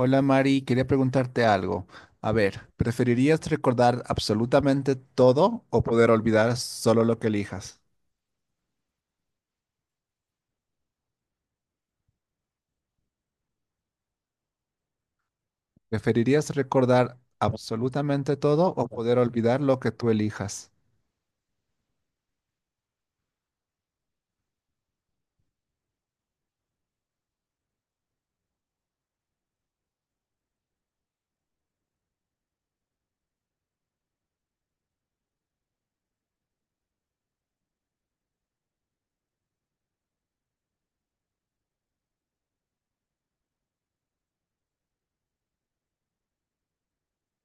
Hola Mari, quería preguntarte algo. A ver, ¿preferirías recordar absolutamente todo o poder olvidar solo lo que elijas? ¿Preferirías recordar absolutamente todo o poder olvidar lo que tú elijas?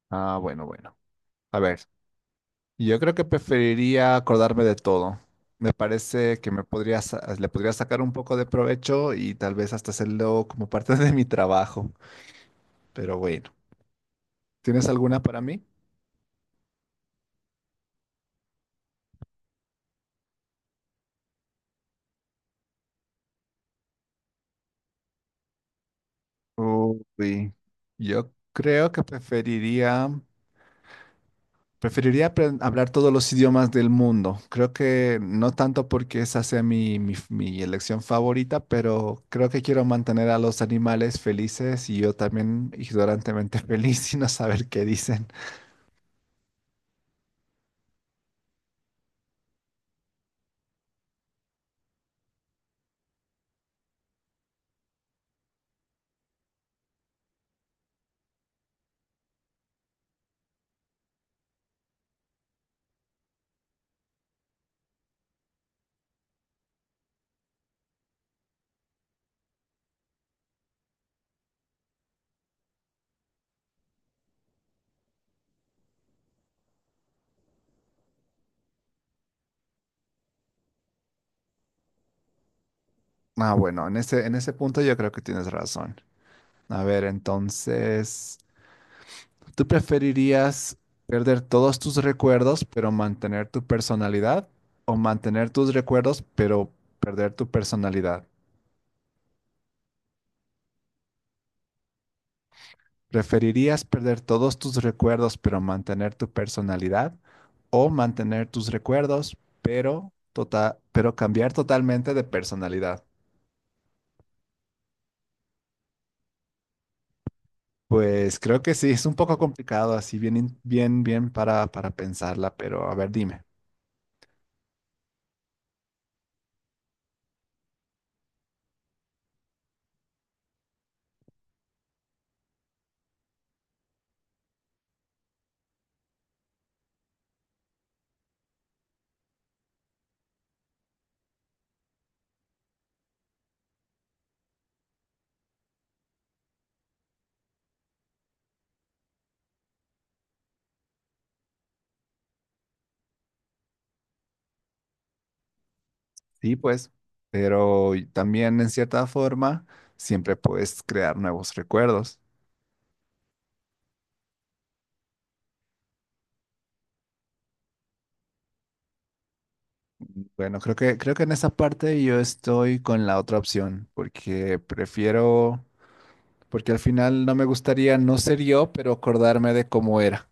Ah, bueno, bueno. A ver, yo creo que preferiría acordarme de todo. Me parece que me podría, le podría sacar un poco de provecho y tal vez hasta hacerlo como parte de mi trabajo. Pero bueno, ¿tienes alguna para mí? Uy, yo creo que preferiría hablar todos los idiomas del mundo. Creo que no tanto porque esa sea mi elección favorita, pero creo que quiero mantener a los animales felices y yo también ignorantemente feliz y no saber qué dicen. Ah, bueno, en ese punto yo creo que tienes razón. A ver, entonces. ¿Tú preferirías perder todos tus recuerdos pero mantener tu personalidad o mantener tus recuerdos pero perder tu personalidad? ¿Preferirías perder todos tus recuerdos pero mantener tu personalidad o mantener tus recuerdos pero pero cambiar totalmente de personalidad? Pues creo que sí, es un poco complicado así bien in- bien bien para pensarla, pero a ver, dime. Sí, pues, pero y también en cierta forma siempre puedes crear nuevos recuerdos. Bueno, creo que en esa parte yo estoy con la otra opción, porque prefiero, porque al final no me gustaría no ser yo, pero acordarme de cómo era.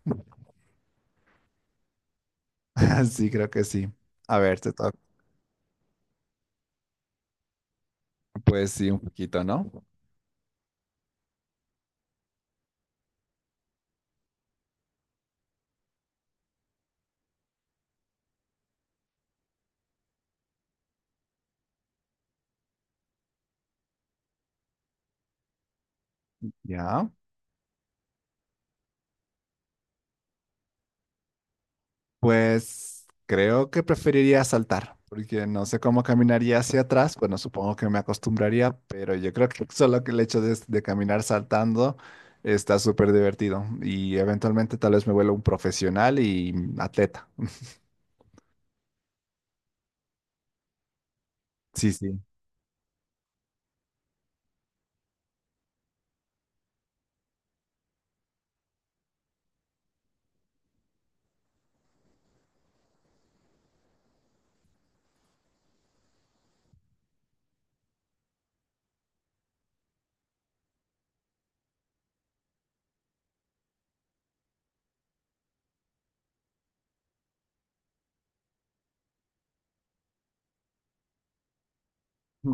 Sí, creo que sí. A ver, te toca. Pues sí, un poquito, ¿no? Ya. Pues creo que preferiría saltar, porque no sé cómo caminaría hacia atrás. Bueno, supongo que me acostumbraría, pero yo creo que solo que el hecho de caminar saltando está súper divertido. Y eventualmente tal vez me vuelva un profesional y atleta. Sí, sí.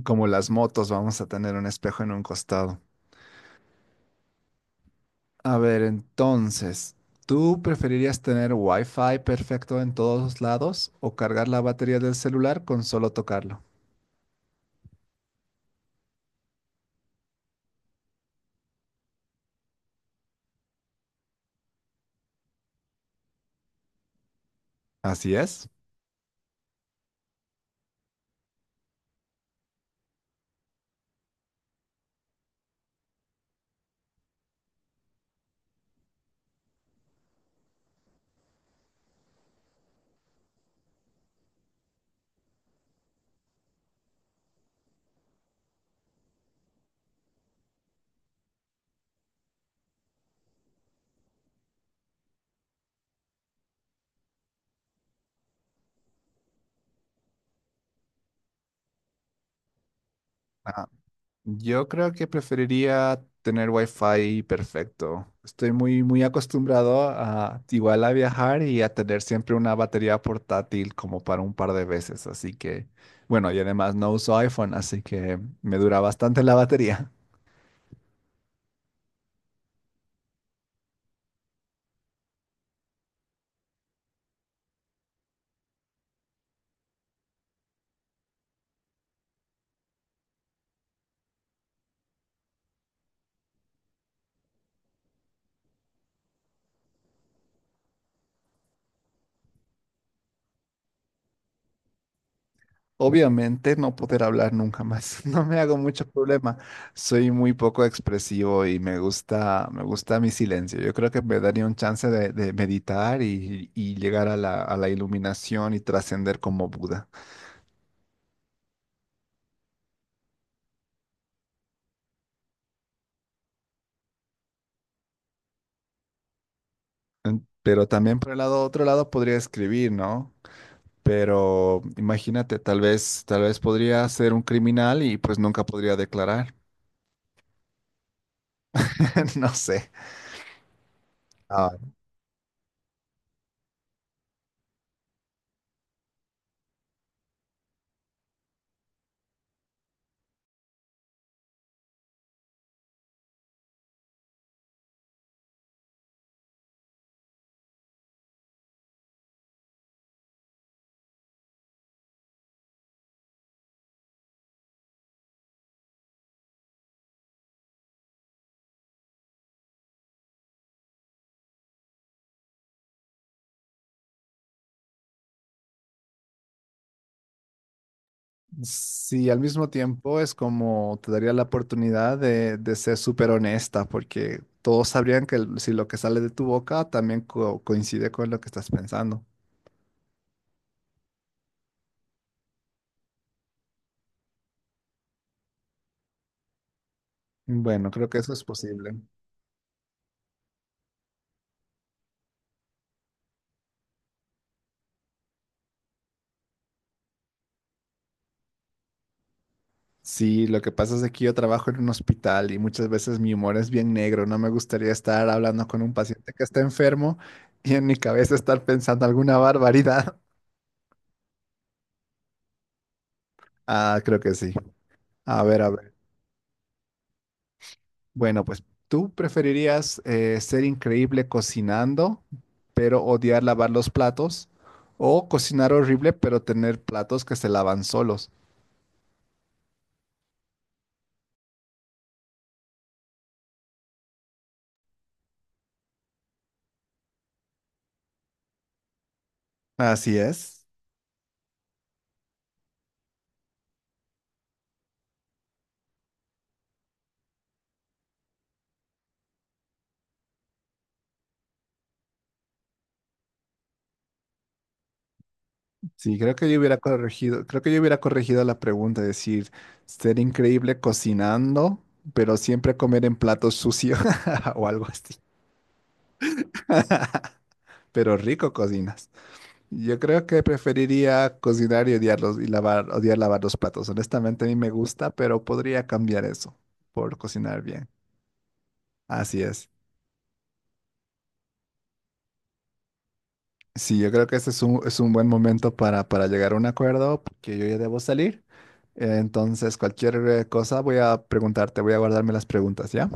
Como las motos, vamos a tener un espejo en un costado. A ver, entonces, ¿tú preferirías tener Wi-Fi perfecto en todos lados o cargar la batería del celular con solo tocarlo? Así es. Ah, yo creo que preferiría tener wifi perfecto. Estoy muy acostumbrado a igual a viajar y a tener siempre una batería portátil como para un par de veces. Así que, bueno, y además no uso iPhone, así que me dura bastante la batería. Obviamente no poder hablar nunca más. No me hago mucho problema. Soy muy poco expresivo y me gusta mi silencio. Yo creo que me daría un chance de meditar y llegar a la iluminación y trascender como Buda. Pero también por el lado, otro lado podría escribir, ¿no? Pero imagínate, tal vez podría ser un criminal y pues nunca podría declarar. No sé. Ah, sí, al mismo tiempo es como te daría la oportunidad de ser súper honesta, porque todos sabrían que si lo que sale de tu boca también coincide con lo que estás pensando. Bueno, creo que eso es posible. Sí, lo que pasa es que yo trabajo en un hospital y muchas veces mi humor es bien negro. No me gustaría estar hablando con un paciente que está enfermo y en mi cabeza estar pensando alguna barbaridad. Ah, creo que sí. A ver, a ver. Bueno, pues tú preferirías ser increíble cocinando, pero odiar lavar los platos, o cocinar horrible, pero tener platos que se lavan solos. Así es. Sí, creo que yo hubiera corregido la pregunta, es decir, ser increíble cocinando, pero siempre comer en platos sucios o algo así. Pero rico cocinas. Yo creo que preferiría cocinar y odiarlos y odiar lavar los platos. Honestamente, a mí me gusta, pero podría cambiar eso por cocinar bien. Así es. Sí, yo creo que este es es un buen momento para llegar a un acuerdo, porque yo ya debo salir. Entonces, cualquier cosa voy a preguntarte, voy a guardarme las preguntas, ¿ya?